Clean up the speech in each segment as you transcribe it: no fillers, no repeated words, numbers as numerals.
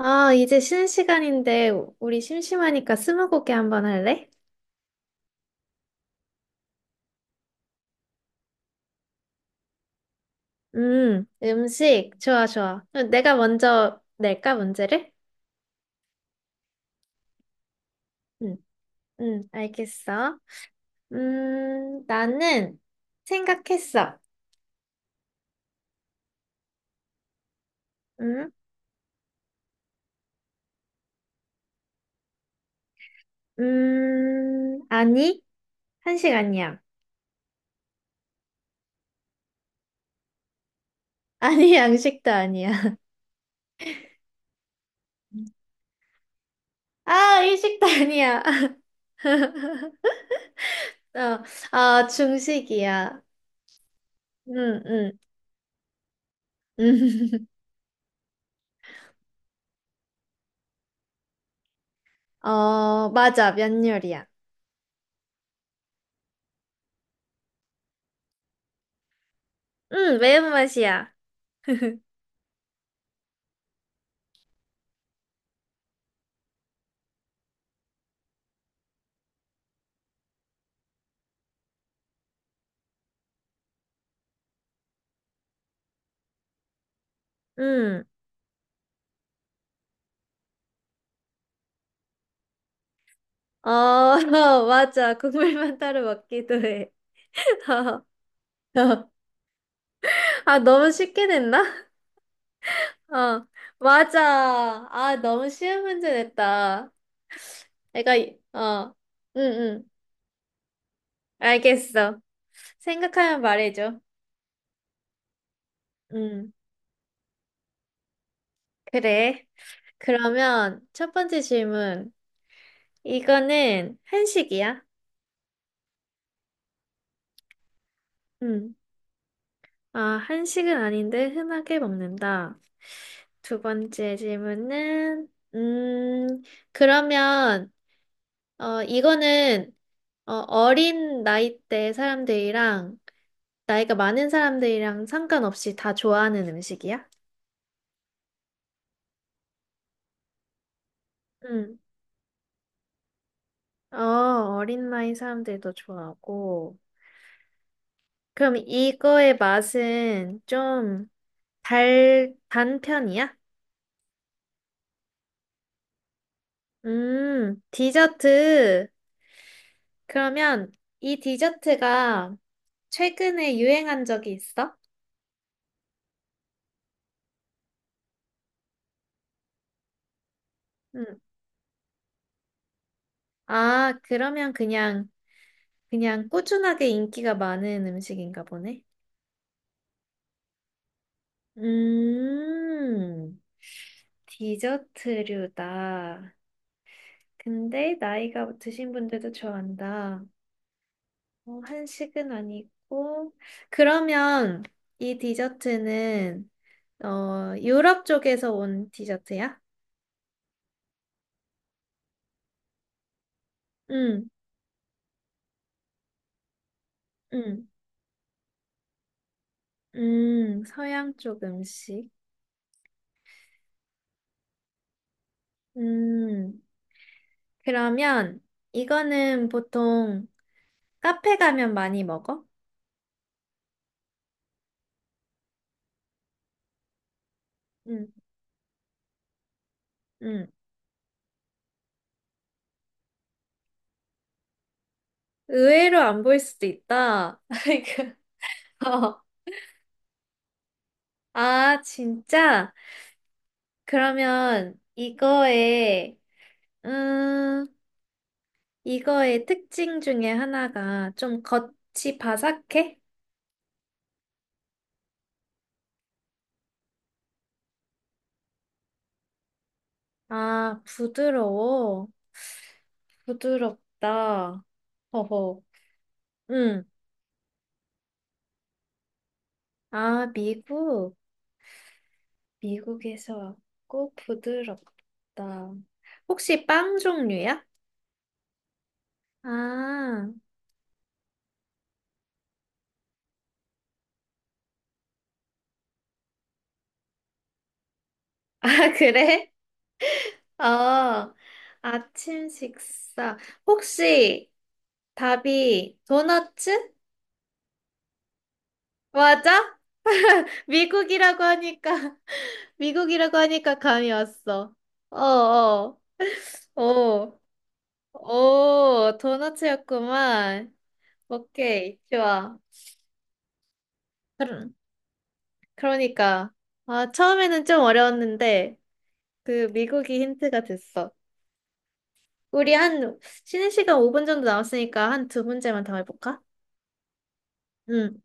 아, 이제 쉬는 시간인데 우리 심심하니까 스무고개 한번 할래? 음식. 좋아, 좋아. 그럼 내가 먼저 낼까, 문제를? 응. 응, 알겠어. 나는 생각했어. 음, 아니, 한식 아니야. 아니, 양식도 아니야. 아, 일식도 아니야. 어, 아, 중식이야. 응, 응. 어, 맞아, 면요리야. 응, 매운맛이야. 응. 어, 맞아. 국물만 따로 먹기도 해. 어, 어. 아, 너무 쉽게 냈나? 어, 맞아. 아, 너무 쉬운 문제 냈다. 내가, 이- 어, 응, 응. 알겠어. 생각하면 말해줘. 응, 그래. 그러면 첫 번째 질문. 이거는 한식이야? 응. 아, 한식은 아닌데 흔하게 먹는다. 두 번째 질문은, 음, 그러면, 어, 이거는, 어, 어린 나이 때 사람들이랑, 나이가 많은 사람들이랑 상관없이 다 좋아하는 음식이야? 응. 어, 어린 나이 사람들도 좋아하고. 그럼 이거의 맛은 좀 단 편이야? 디저트. 그러면 이 디저트가 최근에 유행한 적이 있어? 응. 아, 그러면 그냥 꾸준하게 인기가 많은 음식인가 보네. 음, 디저트류다. 근데 나이가 드신 분들도 좋아한다. 어, 한식은 아니고. 그러면 이 디저트는, 어, 유럽 쪽에서 온 디저트야? 응, 응. 서양 쪽 음식. 음, 그러면 이거는 보통 카페 가면 많이 먹어? 음, 음. 의외로 안 보일 수도 있다. 아이고. 어. 아, 진짜? 그러면 음, 이거의 특징 중에 하나가 좀 겉이 바삭해? 아, 부드러워. 부드럽다. 허허. 응. 아, 미국. 미국에서 왔고 부드럽다. 혹시 빵 종류야? 아, 아, 그래? 어, 아침 식사. 혹시 답이 도너츠? 맞아? 미국이라고 하니까, 미국이라고 하니까 감이 왔어. 어, 어, 어, 어, 도너츠였구만. 오케이, 좋아. 그러, 그러니까. 아, 처음에는 좀 어려웠는데, 그 미국이 힌트가 됐어. 우리 한 쉬는 시간 5분 정도 남았으니까 한 두 문제만 더 해볼까? 응.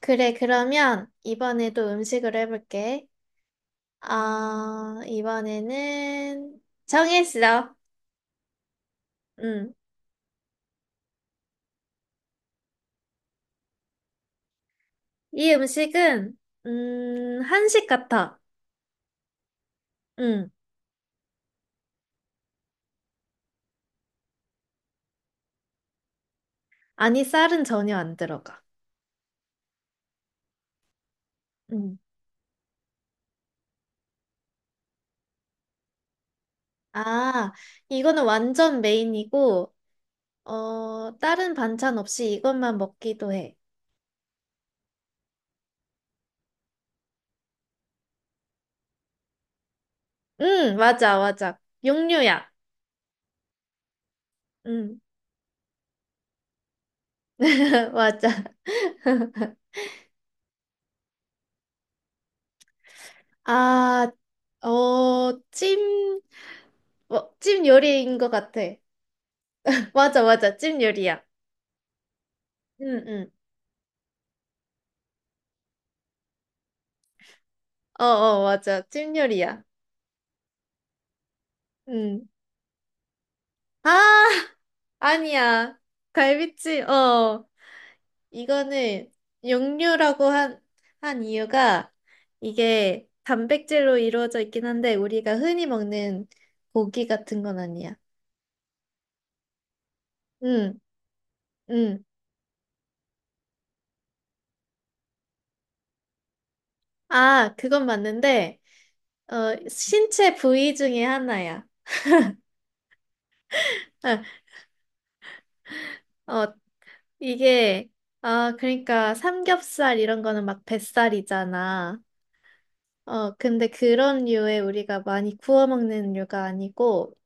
그래, 그러면 이번에도 음식으로 해볼게. 아, 이번에는 정했어. 응. 이 음식은 한식 같아. 응. 아니, 쌀은 전혀 안 들어가. 응. 아, 이거는 완전 메인이고 어, 다른 반찬 없이 이것만 먹기도 해. 응, 맞아, 맞아. 육류야. 응, 맞아. 아, 어, 찜, 어, 찜 요리인 것 같아. 맞아, 맞아. 찜 요리야. 응, 응. 어, 어, 맞아. 찜 요리야. 응. 아, 아니야. 갈비찜, 어. 이거는 육류라고 한 이유가 이게 단백질로 이루어져 있긴 한데 우리가 흔히 먹는 고기 같은 건 아니야. 응, 응. 아, 그건 맞는데 어, 신체 부위 중에 하나야. 어, 어, 이게, 아, 그러니까 삼겹살 이런 거는 막 뱃살이잖아. 어, 근데 그런 류에 우리가 많이 구워 먹는 류가 아니고,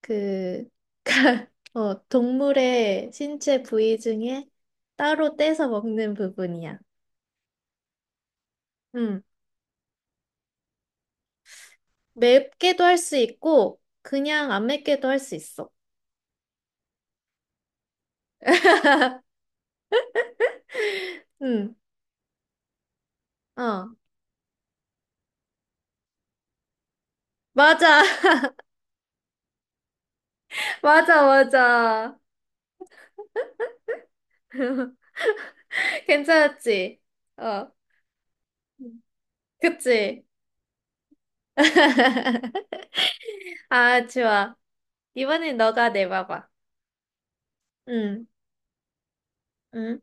그, 어, 동물의 신체 부위 중에 따로 떼서 먹는 부분이야. 음, 맵게도 할 수 있고, 그냥 안 맵게도 할 수 있어. 음, 어, 맞아. 맞아, 맞아. 괜찮았지? 어, 그치? 아, 좋아. 이번엔 너가 내봐봐. 응, 응.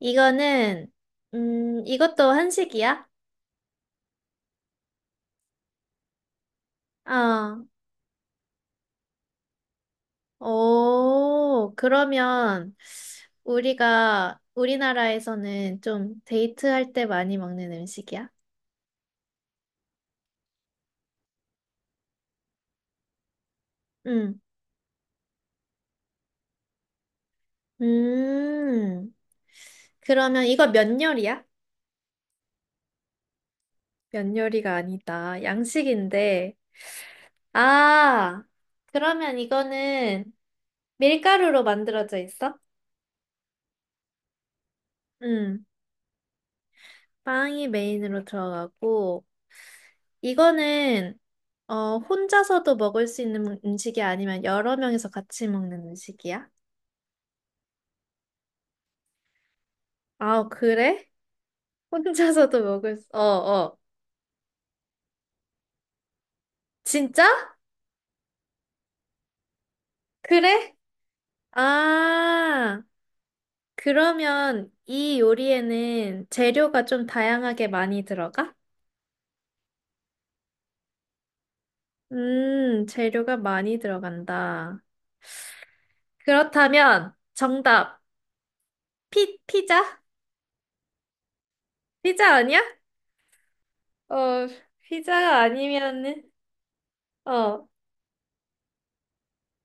이거는, 이것도 한식이야? 어, 오, 그러면 우리가 우리나라에서는 좀 데이트할 때 많이 먹는 음식이야? 응, 음, 그러면 이거 면 요리야? 면 요리가 아니다. 양식인데, 아, 그러면 이거는 밀가루로 만들어져 있어? 응, 빵이 메인으로 들어가고, 이거는, 어, 혼자서도 먹을 수 있는 음식이 아니면 여러 명이서 같이 먹는 음식이야? 아, 그래? 어, 어. 진짜? 그래? 아, 그러면 이 요리에는 재료가 좀 다양하게 많이 들어가? 재료가 많이 들어간다. 그렇다면 정답 피 피자? 피자 아니야? 어, 피자가 아니면은, 어,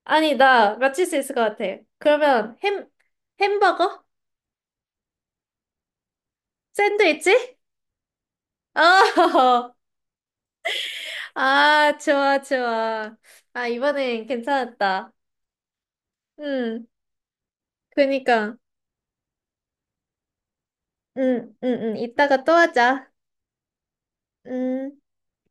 아니, 나 맞출 수 있을 것 같아. 그러면 햄, 햄버거? 샌드위치? 어, 아, 좋아, 좋아. 아, 이번엔 괜찮았다. 음, 그니까. 이따가 또 하자. 음.